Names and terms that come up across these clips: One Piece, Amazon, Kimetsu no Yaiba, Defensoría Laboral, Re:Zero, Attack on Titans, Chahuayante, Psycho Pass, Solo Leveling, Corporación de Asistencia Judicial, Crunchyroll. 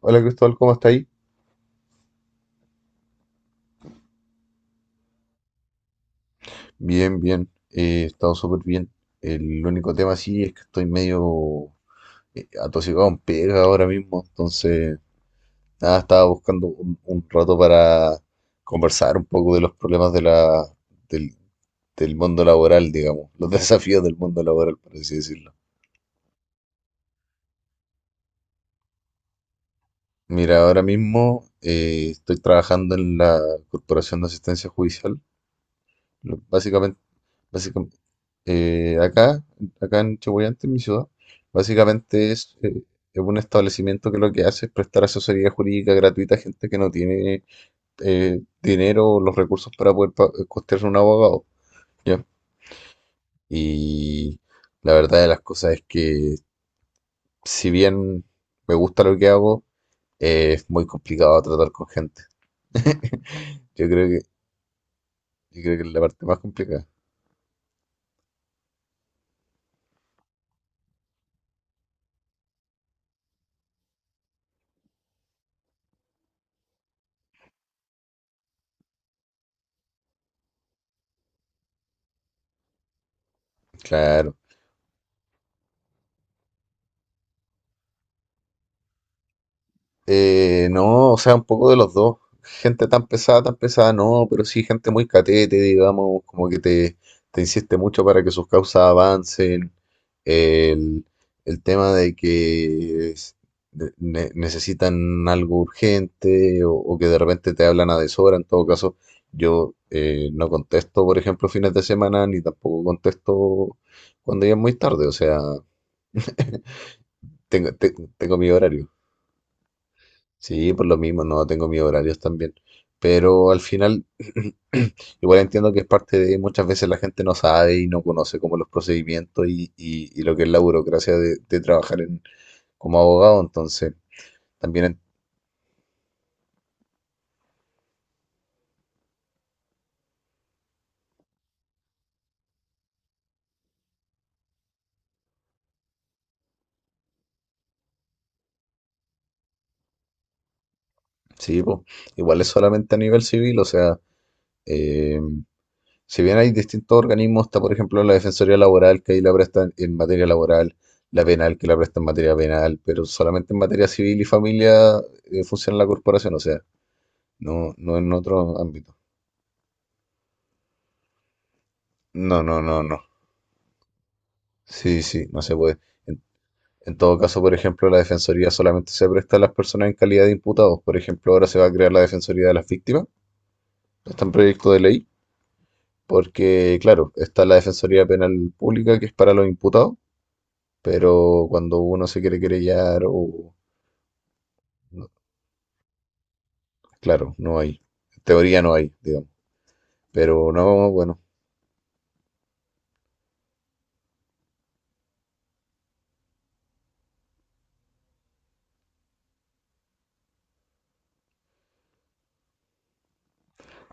Hola Cristóbal, ¿cómo está ahí? Bien, bien, he estado súper bien. El único tema sí es que estoy medio atosigado en pega ahora mismo, entonces nada, estaba buscando un rato para conversar un poco de los problemas de del, del mundo laboral, digamos, los desafíos del mundo laboral, por así decirlo. Mira, ahora mismo estoy trabajando en la Corporación de Asistencia Judicial. Lo- Básicamente Básicamente, eh, acá, acá en Chahuayante, en mi ciudad, básicamente es, eh, es un establecimiento que lo que hace es prestar asesoría jurídica gratuita a gente que no tiene dinero o los recursos para poder costearse un abogado. ¿Ya? Y la verdad de las cosas es que, si bien me gusta lo que hago, es muy complicado tratar con gente. Yo creo que, yo creo que es la parte más complicada. Claro. No, o sea, un poco de los dos. Gente tan pesada, no, pero sí gente muy catete, digamos, como que te insiste mucho para que sus causas avancen. El, el tema de que necesitan algo urgente o que de repente te hablan a deshora. En todo caso, yo no contesto, por ejemplo, fines de semana, ni tampoco contesto cuando ya es muy tarde. O sea, tengo mi horario. Sí, por lo mismo, no tengo mis horarios también. Pero al final, igual entiendo que es parte de muchas veces la gente no sabe y no conoce como los procedimientos y lo que es la burocracia de trabajar en, como abogado. Entonces, también, en- sí, po, igual es solamente a nivel civil. O sea, eh, si bien hay distintos organismos, está por ejemplo la Defensoría Laboral que ahí la presta en materia laboral, la penal que la presta en materia penal, pero solamente en materia civil y familia funciona la corporación. O sea, no, no en otro ámbito. No, no, no, no. Sí, sí, no se puede. En, en todo caso, por ejemplo, la defensoría solamente se presta a las personas en calidad de imputados. Por ejemplo, ahora se va a crear la defensoría de las víctimas. Está en proyecto de ley, porque, claro, está la defensoría penal pública que es para los imputados, pero cuando uno se quiere querellar o... no, claro, no hay. En teoría no hay, digamos. Pero no, bueno.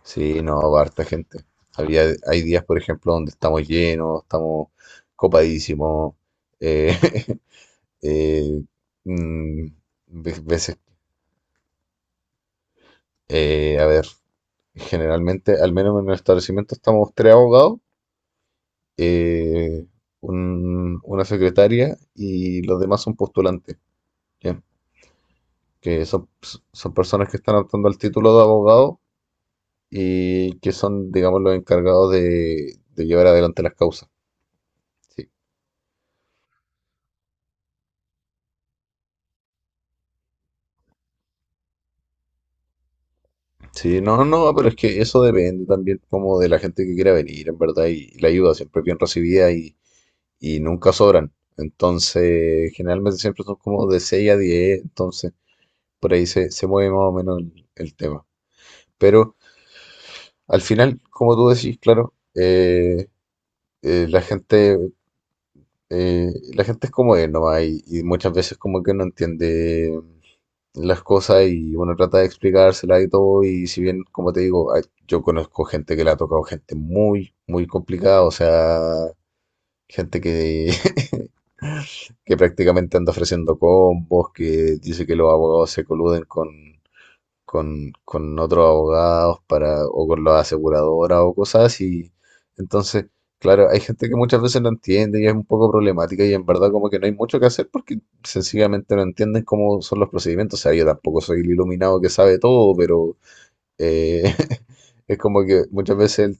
Sí, no, va harta gente. Hay días, por ejemplo, donde estamos llenos, estamos copadísimos. Eh, eh, mm, ve- veces, a ver, generalmente, al menos en el establecimiento, estamos tres abogados, eh, una secretaria y los demás son postulantes, ¿ya? Que son, son personas que están optando al título de abogado y que son, digamos, los encargados de llevar adelante las causas. ¿Sí? Sí, no, no, no, pero es que eso depende también como de la gente que quiera venir, en verdad, y, la ayuda siempre es bien recibida y nunca sobran. Entonces, generalmente siempre son como de 6 a 10. Entonces por ahí se mueve más o menos el tema. Pero al final, como tú decís, claro, eh, la gente, la gente es como es nomás y muchas veces como que no entiende las cosas y uno trata de explicársela y todo. Y si bien, como te digo, hay- yo conozco gente que la ha tocado, gente muy, muy complicada, o sea, gente que, que prácticamente anda ofreciendo combos, que dice que los abogados se coluden con otros abogados para, o con las aseguradoras o cosas así. Entonces, claro, hay gente que muchas veces no entiende y es un poco problemática y en verdad como que no hay mucho que hacer porque sencillamente no entienden cómo son los procedimientos. O sea, yo tampoco soy el iluminado que sabe todo, pero eh, es como que muchas veces, el-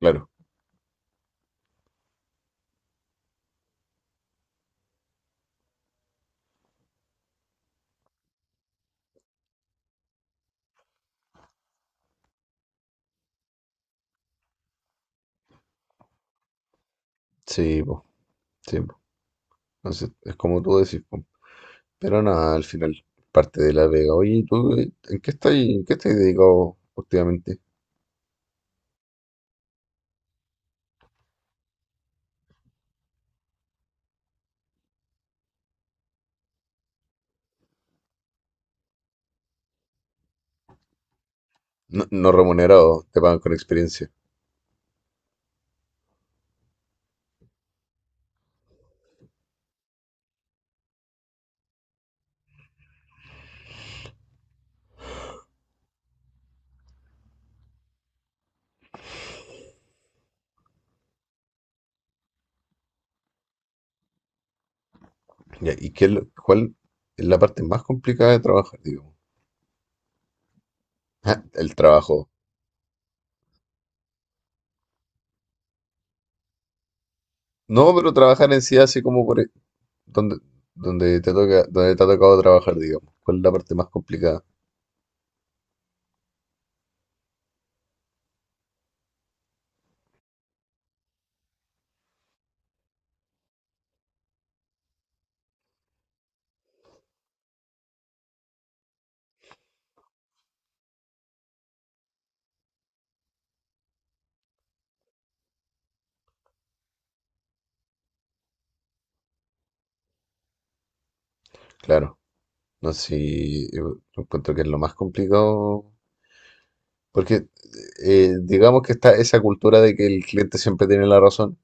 claro, sí, po, sí, po. Entonces, es como tú decís, po. Pero nada, al final, parte de la vega. Oye, ¿y ¿tú en qué estás dedicado últimamente? No, no remunerado, te pagan con experiencia. Ya, ¿y qué es lo- cuál es la parte más complicada de trabajar, digo Ah, el trabajo. No, pero trabajar en sí así como por e- donde, donde te toca, donde te ha tocado trabajar, digamos. ¿Cuál es la parte más complicada? Claro, no sé, si yo encuentro que es lo más complicado, porque digamos que está esa cultura de que el cliente siempre tiene la razón,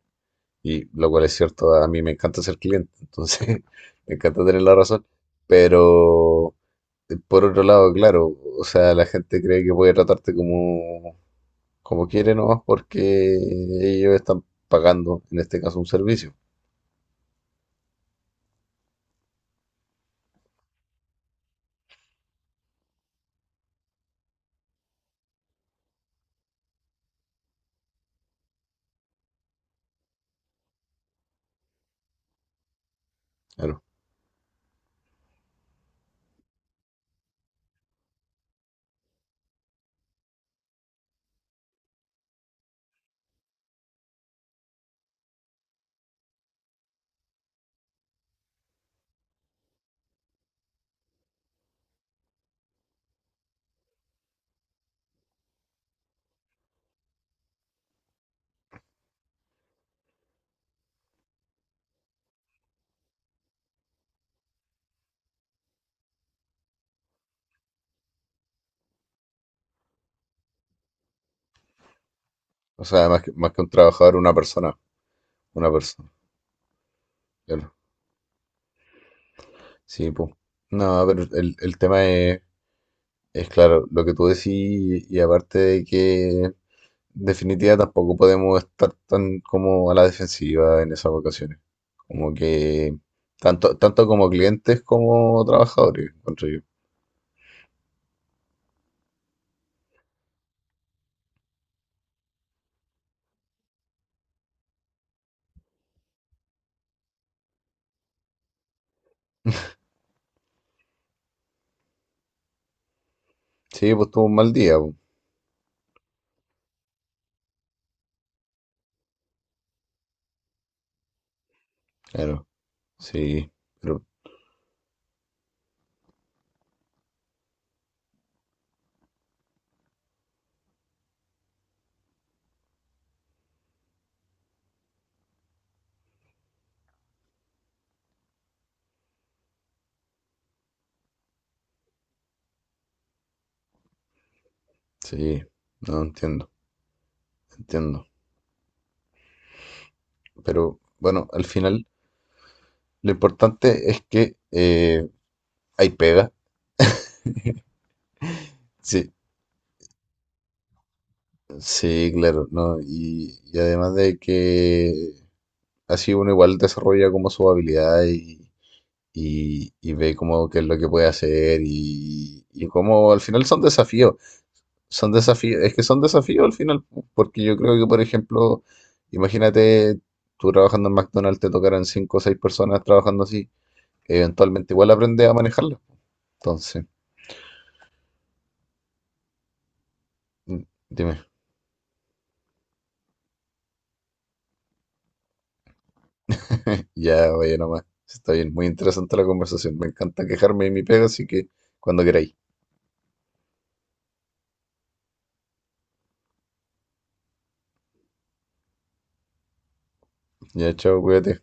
y lo cual es cierto, a mí me encanta ser cliente, entonces me encanta tener la razón, pero por otro lado, claro, o sea, la gente cree que puede tratarte como, como quiere nomás porque ellos están pagando, en este caso, un servicio, claro. O sea, más que un trabajador, una persona, claro. Sí, pues. No, pero el tema es claro, lo que tú decís y aparte de que, en definitiva, tampoco podemos estar tan como a la defensiva en esas ocasiones. Como que, tanto como clientes como trabajadores, encuentro yo. Sí, pues tuvo un mal día, pues. Claro, sí, pero sí, no entiendo, entiendo. Pero bueno, al final lo importante es que hay pega. Sí, sí, claro, ¿no? Y además de que así uno igual desarrolla como su habilidad y ve como qué es lo que puede hacer y como al final son desafíos. Son desafíos, es que son desafíos al final, pu, porque yo creo que, por ejemplo, imagínate tú trabajando en McDonald's, te tocaran cinco o seis personas trabajando así, eventualmente igual aprendes a manejarlo. Entonces, mm, dime, ya vaya nomás. Está bien, muy interesante la conversación. Me encanta quejarme de mi pega, así que cuando queráis. Ya, chao, cuídate.